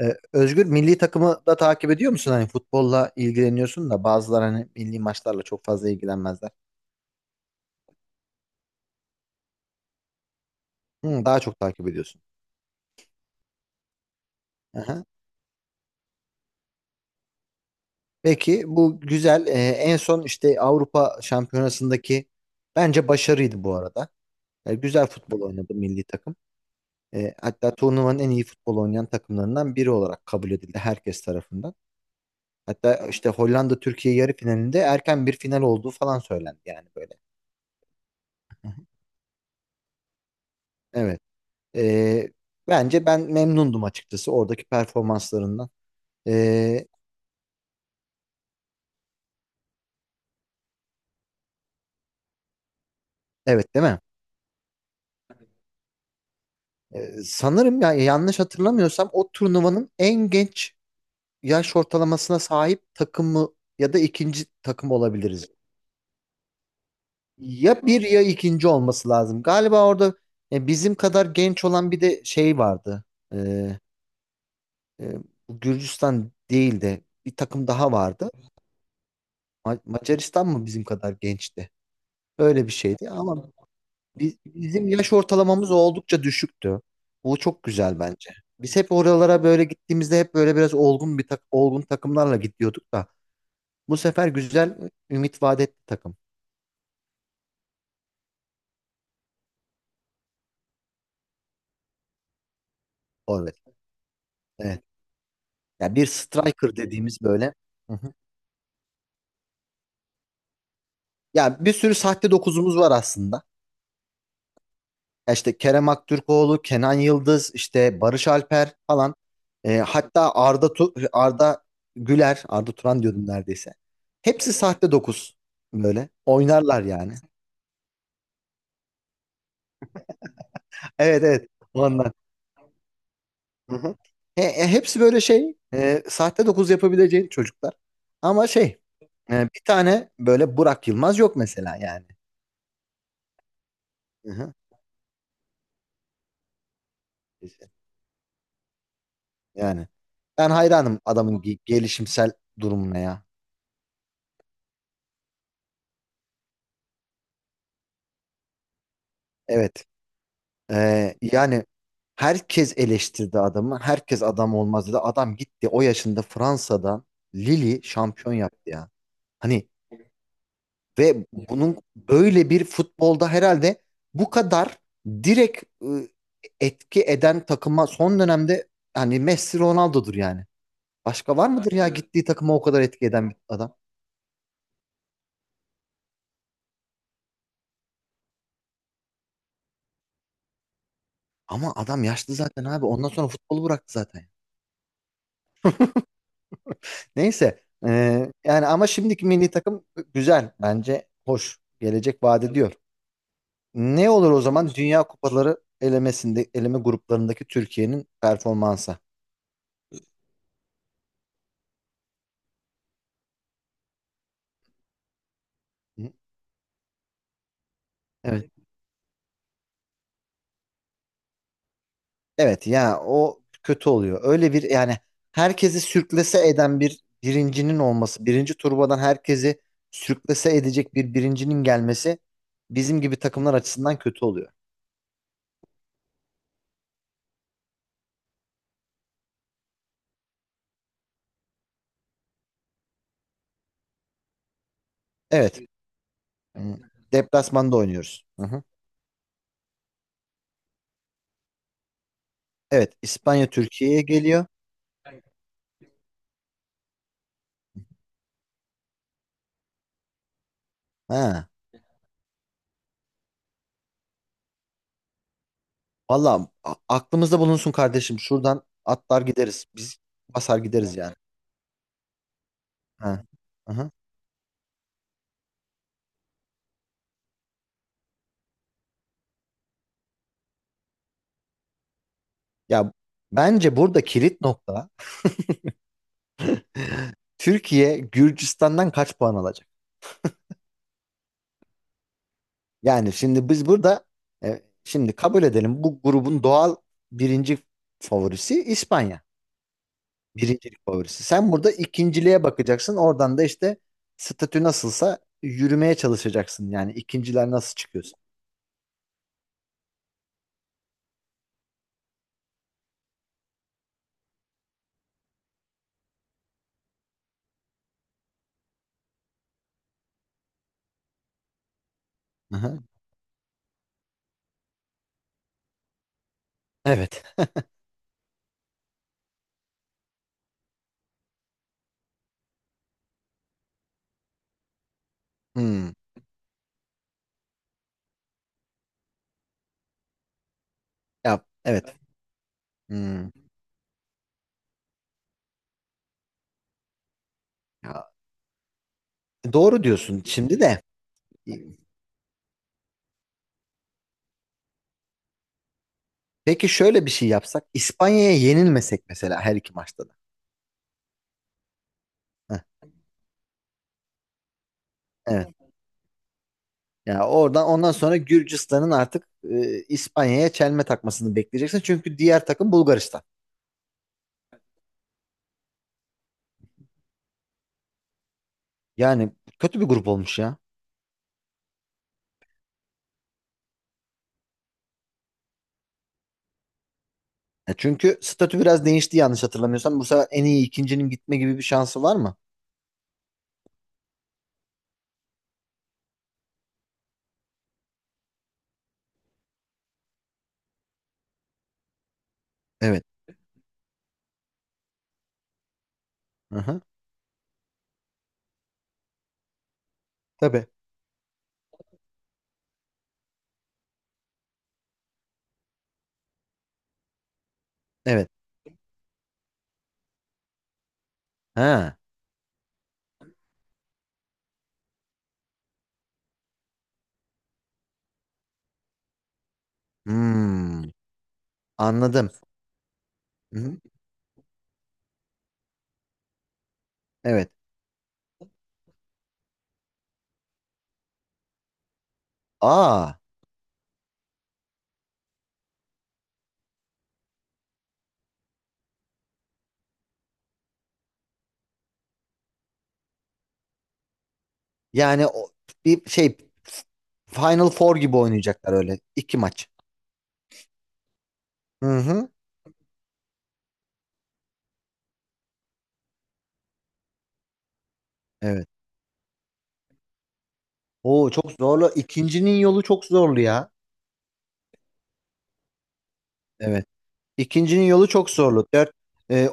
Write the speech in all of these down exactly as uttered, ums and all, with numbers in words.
Ee, Özgür, milli takımı da takip ediyor musun? Hani futbolla ilgileniyorsun da bazıları hani milli maçlarla çok fazla ilgilenmezler. Hı, daha çok takip ediyorsun. Aha. Peki, bu güzel. Ee, en son işte Avrupa Şampiyonası'ndaki bence başarıydı bu arada. Ee, güzel futbol oynadı milli takım. Ee, hatta turnuvanın en iyi futbol oynayan takımlarından biri olarak kabul edildi herkes tarafından. Hatta işte Hollanda Türkiye yarı finalinde erken bir final olduğu falan söylendi yani böyle. Evet. Ee, bence ben memnundum açıkçası oradaki performanslarından. Ee, evet değil mi? Ee, sanırım ya, yanlış hatırlamıyorsam o turnuvanın en genç yaş ortalamasına sahip takımı ya da ikinci takım olabiliriz. Ya bir ya ikinci olması lazım. Galiba orada e, bizim kadar genç olan bir de şey vardı. Ee, e, bu Gürcistan değil de bir takım daha vardı. Ma- Macaristan mı bizim kadar gençti? Öyle bir şeydi ama Biz- bizim yaş ortalamamız oldukça düşüktü. Bu çok güzel bence. Biz hep oralara böyle gittiğimizde hep böyle biraz olgun bir tak olgun takımlarla gidiyorduk da bu sefer güzel ümit vaat etti takım. Forvet. Evet. Yani bir striker dediğimiz böyle. Hı hı. Yani bir sürü sahte dokuzumuz var aslında. Ya İşte Kerem Aktürkoğlu, Kenan Yıldız, işte Barış Alper falan. Ee, hatta Arda Tu- Arda Güler, Arda Turan diyordum neredeyse. Hepsi sahte dokuz böyle. Oynarlar yani. Evet, evet ondan. Hı hı. He- e, hepsi böyle şey e, sahte dokuz yapabileceğin çocuklar. Ama şey e, bir tane böyle Burak Yılmaz yok mesela yani. Hı hı. Yani ben hayranım adamın ge- gelişimsel durumuna ya. Evet. E, yani herkes eleştirdi adamı. Herkes adam olmaz dedi. Adam gitti o yaşında Fransa'dan Lille şampiyon yaptı ya. Hani ve bunun böyle bir futbolda herhalde bu kadar direkt ıı, etki eden takıma son dönemde hani Messi Ronaldo'dur yani. Başka var mıdır ya? Bence de gittiği takıma o kadar etki eden bir adam? Ama adam yaşlı zaten abi. Ondan sonra futbolu bıraktı zaten. Neyse. eee, yani ama şimdiki milli takım güzel. Bence hoş. Gelecek vaat ediyor. Ne olur o zaman Dünya Kupaları elemesinde, eleme gruplarındaki Türkiye'nin performansı? Hı? Evet. Evet ya, o kötü oluyor. Öyle bir yani, herkesi sürklese eden bir birincinin olması, birinci turbadan herkesi sürklese edecek bir birincinin gelmesi bizim gibi takımlar açısından kötü oluyor. Evet. Hmm. Deplasmanda oynuyoruz. Hı hı. Evet, İspanya Türkiye'ye geliyor. Ha. Valla, a- aklımızda bulunsun kardeşim. Şuradan atlar gideriz. Biz basar gideriz yani. Ha. Hı hı. Ya, bence burada kilit nokta, Türkiye Gürcistan'dan kaç puan alacak? Yani şimdi biz burada e, şimdi kabul edelim, bu grubun doğal birinci favorisi İspanya. Birincilik favorisi. Sen burada ikinciliğe bakacaksın. Oradan da işte statü nasılsa yürümeye çalışacaksın. Yani ikinciler nasıl çıkıyorsa. Aha. Evet. Hmm. Ya, evet. Hmm. Ya, doğru diyorsun. Şimdi de peki şöyle bir şey yapsak, İspanya'ya yenilmesek mesela her iki maçta da. Heh, evet. Yani oradan ondan sonra Gürcistan'ın artık e, İspanya'ya çelme takmasını bekleyeceksin. Çünkü diğer takım Bulgaristan. Yani kötü bir grup olmuş ya. Ya çünkü statü biraz değişti yanlış hatırlamıyorsam. Bu sefer en iyi ikincinin gitme gibi bir şansı var mı? Evet. Aha. Tabii. Evet. Ha. Hmm. Anladım. Hı-hı. Evet. Aa. Yani o, bir şey, Final Four gibi oynayacaklar öyle. İki maç. Hı-hı. Evet. Oo, çok zorlu. İkincinin yolu çok zorlu ya. Evet. İkincinin yolu çok zorlu. dört,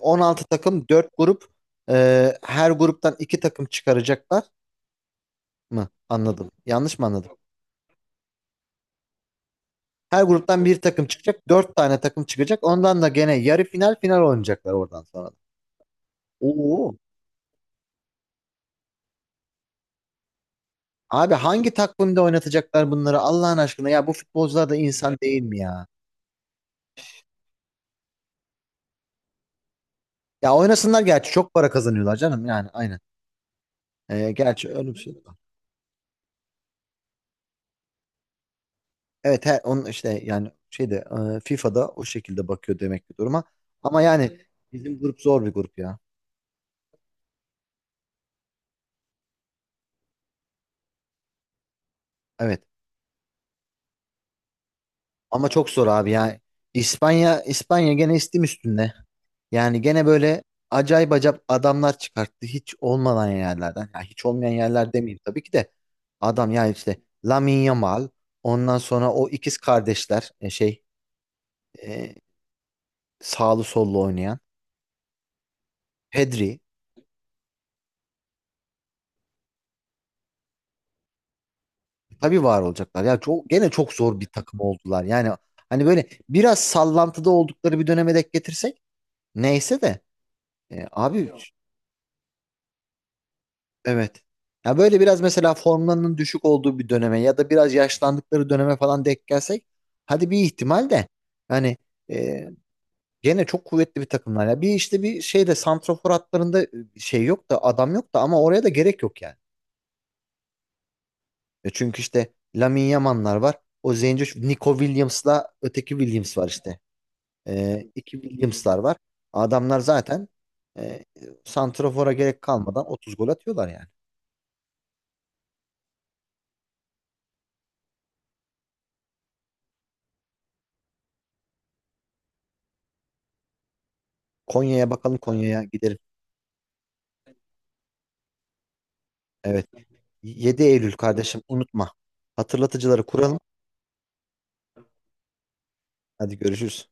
on altı takım, dört grup, e, her gruptan iki takım çıkaracaklar mı? Anladım. Yanlış mı anladım? Her gruptan bir takım çıkacak. Dört tane takım çıkacak. Ondan da gene yarı final, final oynayacaklar oradan sonra da. Oo. Abi, hangi takvimde oynatacaklar bunları Allah'ın aşkına, ya bu futbolcular da insan değil mi ya? Ya oynasınlar gerçi, çok para kazanıyorlar canım, yani aynen. E, gerçi öyle bir şey. Evet he, onun işte yani şeyde e, FIFA'da o şekilde bakıyor demek ki duruma. Ama yani bizim grup zor bir grup ya. Evet. Ama çok zor abi ya. İspanya İspanya gene istim üstünde. Yani gene böyle acayip acayip adamlar çıkarttı hiç olmayan yerlerden. Yani hiç olmayan yerler demeyeyim tabii ki de. Adam ya işte Lamine Yamal, ondan sonra o ikiz kardeşler e, şey e, sağlı sollu oynayan Pedri. Tabii var olacaklar. Ya çok, gene çok zor bir takım oldular. Yani hani böyle biraz sallantıda oldukları bir döneme denk getirsek neyse de e, abi evet. Ya böyle biraz mesela formlarının düşük olduğu bir döneme ya da biraz yaşlandıkları döneme falan denk gelsek hadi bir ihtimal de, hani e, gene çok kuvvetli bir takımlar. Ya bir işte bir şeyde, santrafor hatlarında e, şey yok da, adam yok da, ama oraya da gerek yok yani. E çünkü işte Lamine Yamal'lar var. O Zenci Nico Williams'la öteki Williams var işte. E, iki Williams'lar var. Adamlar zaten e, santrafora gerek kalmadan otuz gol atıyorlar yani. Konya'ya bakalım, Konya'ya gidelim. Evet. yedi Eylül kardeşim, unutma. Hatırlatıcıları kuralım. Hadi görüşürüz.